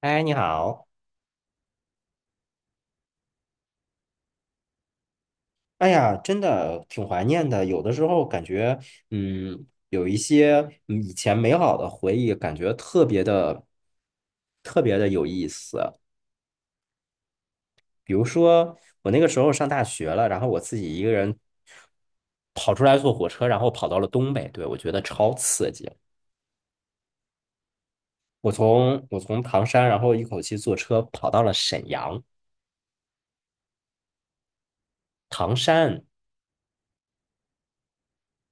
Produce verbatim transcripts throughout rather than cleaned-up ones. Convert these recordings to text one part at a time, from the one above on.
哎，你好！哎呀，真的挺怀念的。有的时候感觉，嗯，有一些嗯以前美好的回忆，感觉特别的、特别的有意思。比如说，我那个时候上大学了，然后我自己一个人跑出来坐火车，然后跑到了东北，对，我觉得超刺激。我从我从唐山，然后一口气坐车跑到了沈阳。唐山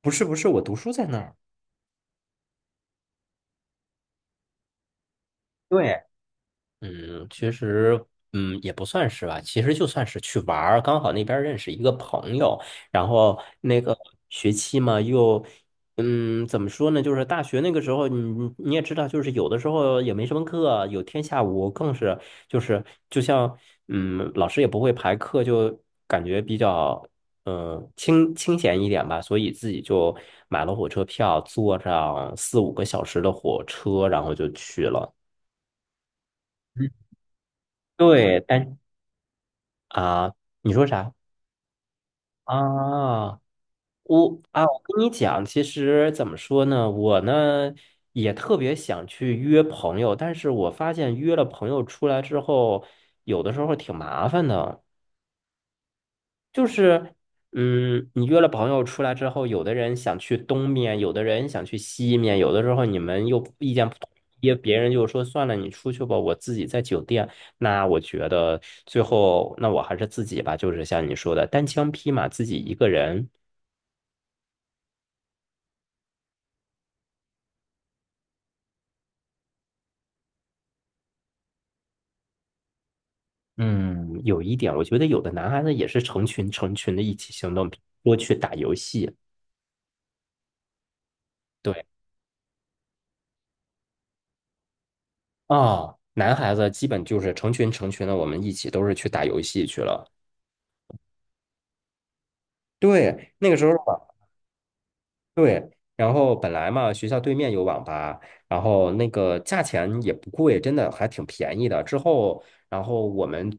不是不是，我读书在那儿。对。嗯，其实，嗯，也不算是吧。其实就算是去玩儿，刚好那边儿认识一个朋友，然后那个学期嘛，又，嗯，怎么说呢？就是大学那个时候，你你也知道，就是有的时候也没什么课，有天下午更是，就是就像，嗯，老师也不会排课，就感觉比较，嗯，清清闲一点吧。所以自己就买了火车票，坐上四五个小时的火车，然后就去了。对，但啊，你说啥？啊，我啊，我跟你讲，其实怎么说呢，我呢也特别想去约朋友，但是我发现约了朋友出来之后，有的时候挺麻烦的。就是，嗯，你约了朋友出来之后，有的人想去东面，有的人想去西面，有的时候你们又意见不统一，别人就说算了，你出去吧，我自己在酒店。那我觉得最后，那我还是自己吧，就是像你说的，单枪匹马自己一个人。嗯，有一点，我觉得有的男孩子也是成群成群的一起行动，多去打游戏。对，哦，男孩子基本就是成群成群的，我们一起都是去打游戏去了。对，那个时候。对，然后本来嘛，学校对面有网吧，然后那个价钱也不贵，真的还挺便宜的。之后，然后我们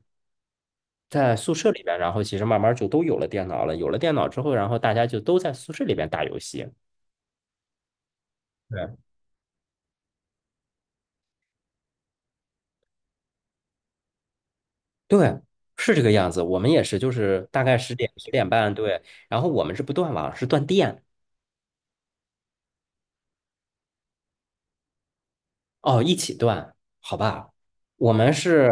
在宿舍里边，然后其实慢慢就都有了电脑了。有了电脑之后，然后大家就都在宿舍里边打游戏。对对，是这个样子。我们也是，就是大概十点十点半，对，然后我们是不断网，是断电。哦，一起断，好吧？我们是，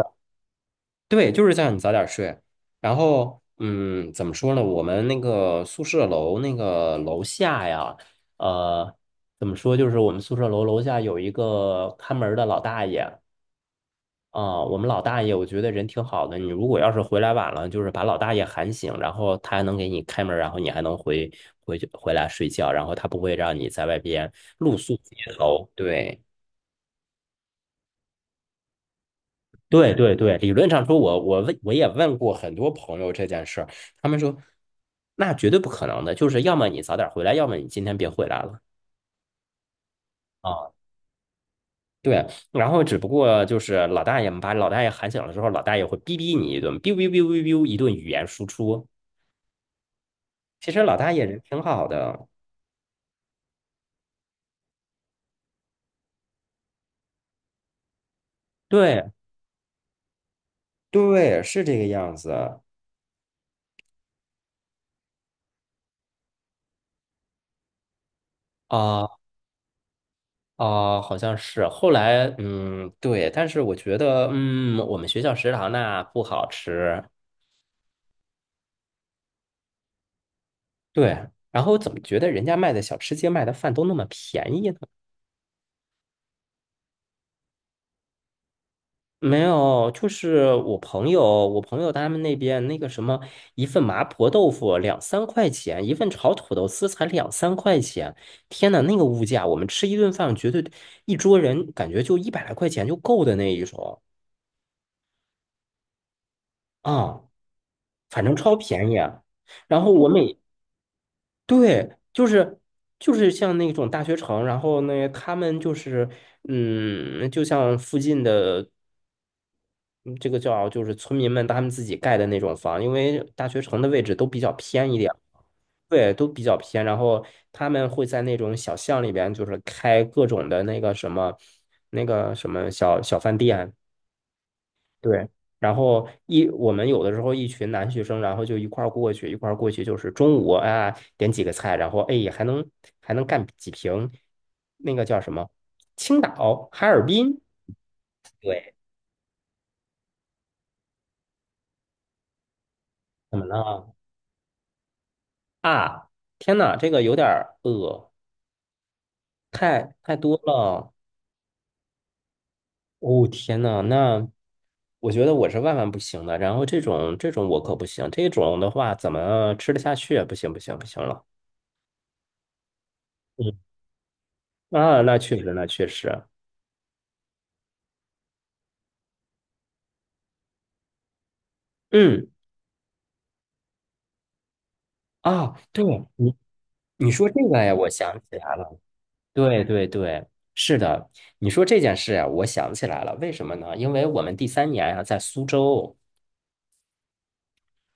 对，就是叫你早点睡。然后，嗯，怎么说呢？我们那个宿舍楼那个楼下呀，呃，怎么说？就是我们宿舍楼楼下有一个看门儿的老大爷啊，我们老大爷我觉得人挺好的。你如果要是回来晚了，就是把老大爷喊醒，然后他还能给你开门儿然后你还能回回去回来睡觉，然后他不会让你在外边露宿街头。对。对对对，理论上说我，我问我也问过很多朋友这件事儿，他们说那绝对不可能的，就是要么你早点回来，要么你今天别回来了啊。对，然后只不过就是老大爷们把老大爷喊醒了之后，老大爷会逼逼你一顿，哔哔哔哔哔一顿语言输出。其实老大爷人挺好的，对对，是这个样子啊啊，好像是。后来嗯，对，但是我觉得嗯，我们学校食堂那不好吃。对，然后怎么觉得人家卖的小吃街卖的饭都那么便宜呢？没有，就是我朋友，我朋友他们那边那个什么，一份麻婆豆腐两三块钱，一份炒土豆丝才两三块钱。天呐，那个物价，我们吃一顿饭，绝对一桌人感觉就一百来块钱就够的那一种啊，反正超便宜啊。然后我每对，就是就是像那种大学城，然后那他们就是嗯，就像附近的嗯这个叫就是村民们他们自己盖的那种房，因为大学城的位置都比较偏一点，对，都比较偏。然后他们会在那种小巷里边，就是开各种的那个什么，那个什么小小饭店，对。然后一我们有的时候一群男学生，然后就一块儿过去，一块儿过去就是中午啊点几个菜，然后哎还能还能干几瓶那个叫什么青岛、哈尔滨，对，怎么了？啊，天呐，这个有点儿饿，太太多了。哦，天呐，那我觉得我是万万不行的。然后这种这种我可不行，这种的话怎么吃得下去啊？不行不行不行了。嗯，啊，那确实那确实。嗯，啊，对你你说这个呀，我想起来了。对对对，是的，你说这件事呀，我想起来了。为什么呢？因为我们第三年呀，在苏州。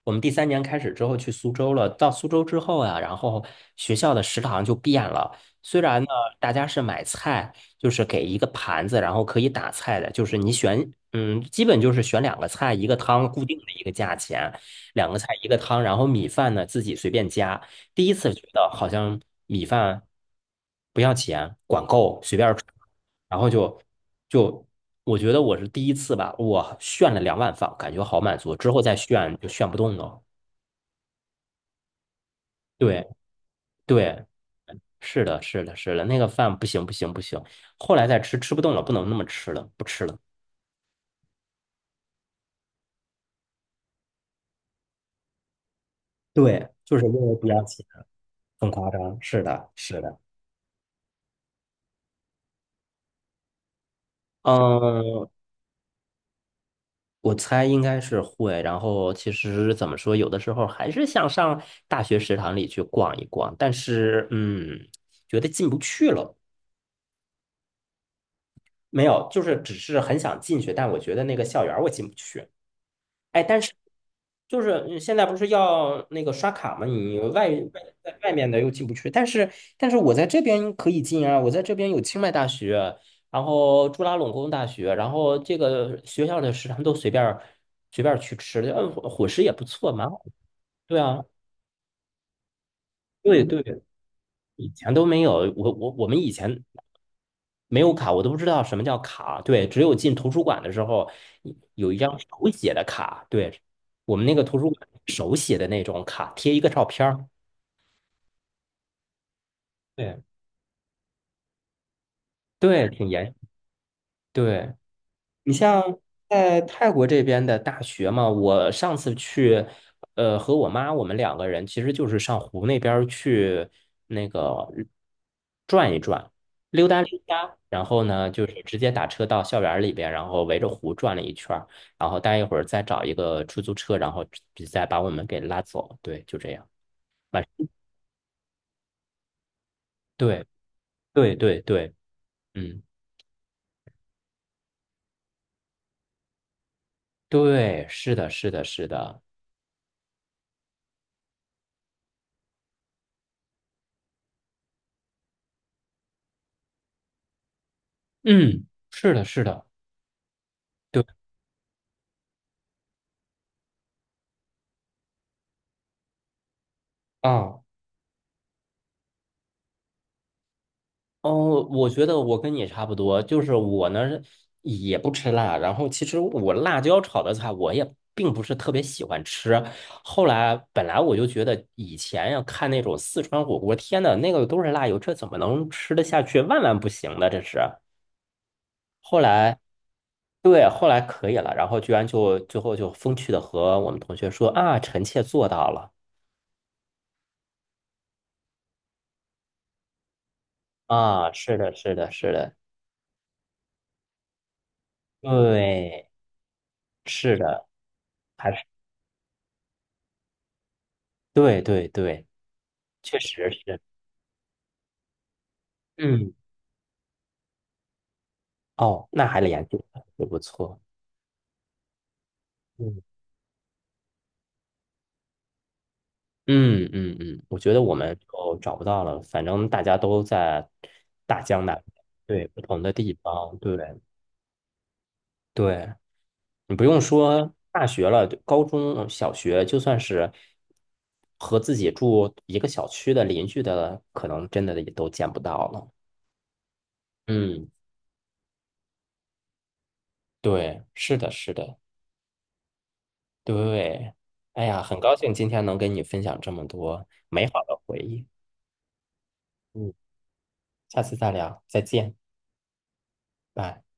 我们第三年开始之后去苏州了，到苏州之后啊，然后学校的食堂就变了。虽然呢，大家是买菜，就是给一个盘子，然后可以打菜的，就是你选，嗯，基本就是选两个菜一个汤，固定的一个价钱，两个菜一个汤，然后米饭呢自己随便加。第一次觉得好像米饭不要钱，管够，随便吃。然后就就我觉得我是第一次吧，我炫了两碗饭，感觉好满足，之后再炫就炫不动了。对对，是的，是的，是的，那个饭不行不行不行，后来再吃吃不动了，不能那么吃了，不吃了。对，就是因为不要钱，很夸张。是的，是的。嗯，我猜应该是会。然后其实怎么说，有的时候还是想上大学食堂里去逛一逛，但是嗯，觉得进不去了。没有，就是只是很想进去，但我觉得那个校园我进不去。哎，但是就是嗯现在不是要那个刷卡吗？你外外外外面的又进不去，但是但是我在这边可以进啊，我在这边有清迈大学，然后朱拉隆功大学，然后这个学校的食堂都随便儿随便儿去吃，嗯，伙伙食也不错，蛮好的对啊，对对，以前都没有，我我我们以前没有卡，我都不知道什么叫卡。对，只有进图书馆的时候，有一张手写的卡。对，我们那个图书馆手写的那种卡，贴一个照片儿。对对，挺严。对。你像在泰国这边的大学嘛，我上次去，呃，和我妈我们两个人其实就是上湖那边儿去那个转一转，溜达溜达，然后呢就是直接打车到校园儿里边，然后围着湖转了一圈儿然后待一会儿再找一个出租车，然后再把我们给拉走。对，就这样。晚对对对对，嗯，对，是的，是的，是的，嗯，是的，是的，对啊。哦，我觉得我跟你差不多，就是我呢也不吃辣，然后其实我辣椒炒的菜我也并不是特别喜欢吃。后来本来我就觉得以前呀看那种四川火锅，天呐，那个都是辣油，这怎么能吃得下去？万万不行的，这是。后来。对，后来可以了，然后居然就最后就风趣的和我们同学说啊，臣妾做到了啊，是的，是的，是的，对，是的，还是对对对，确实是，嗯，哦，那还联系也不错，嗯嗯嗯嗯，我觉得我们就找不到了，反正大家都在大江南北，对，不同的地方，对对，你不用说大学了，高中小学，就算是和自己住一个小区的邻居的，可能真的也都见不到了。嗯，对，是的，是的，对，哎呀，很高兴今天能跟你分享这么多美好的回忆。嗯。下次再聊，再见，拜。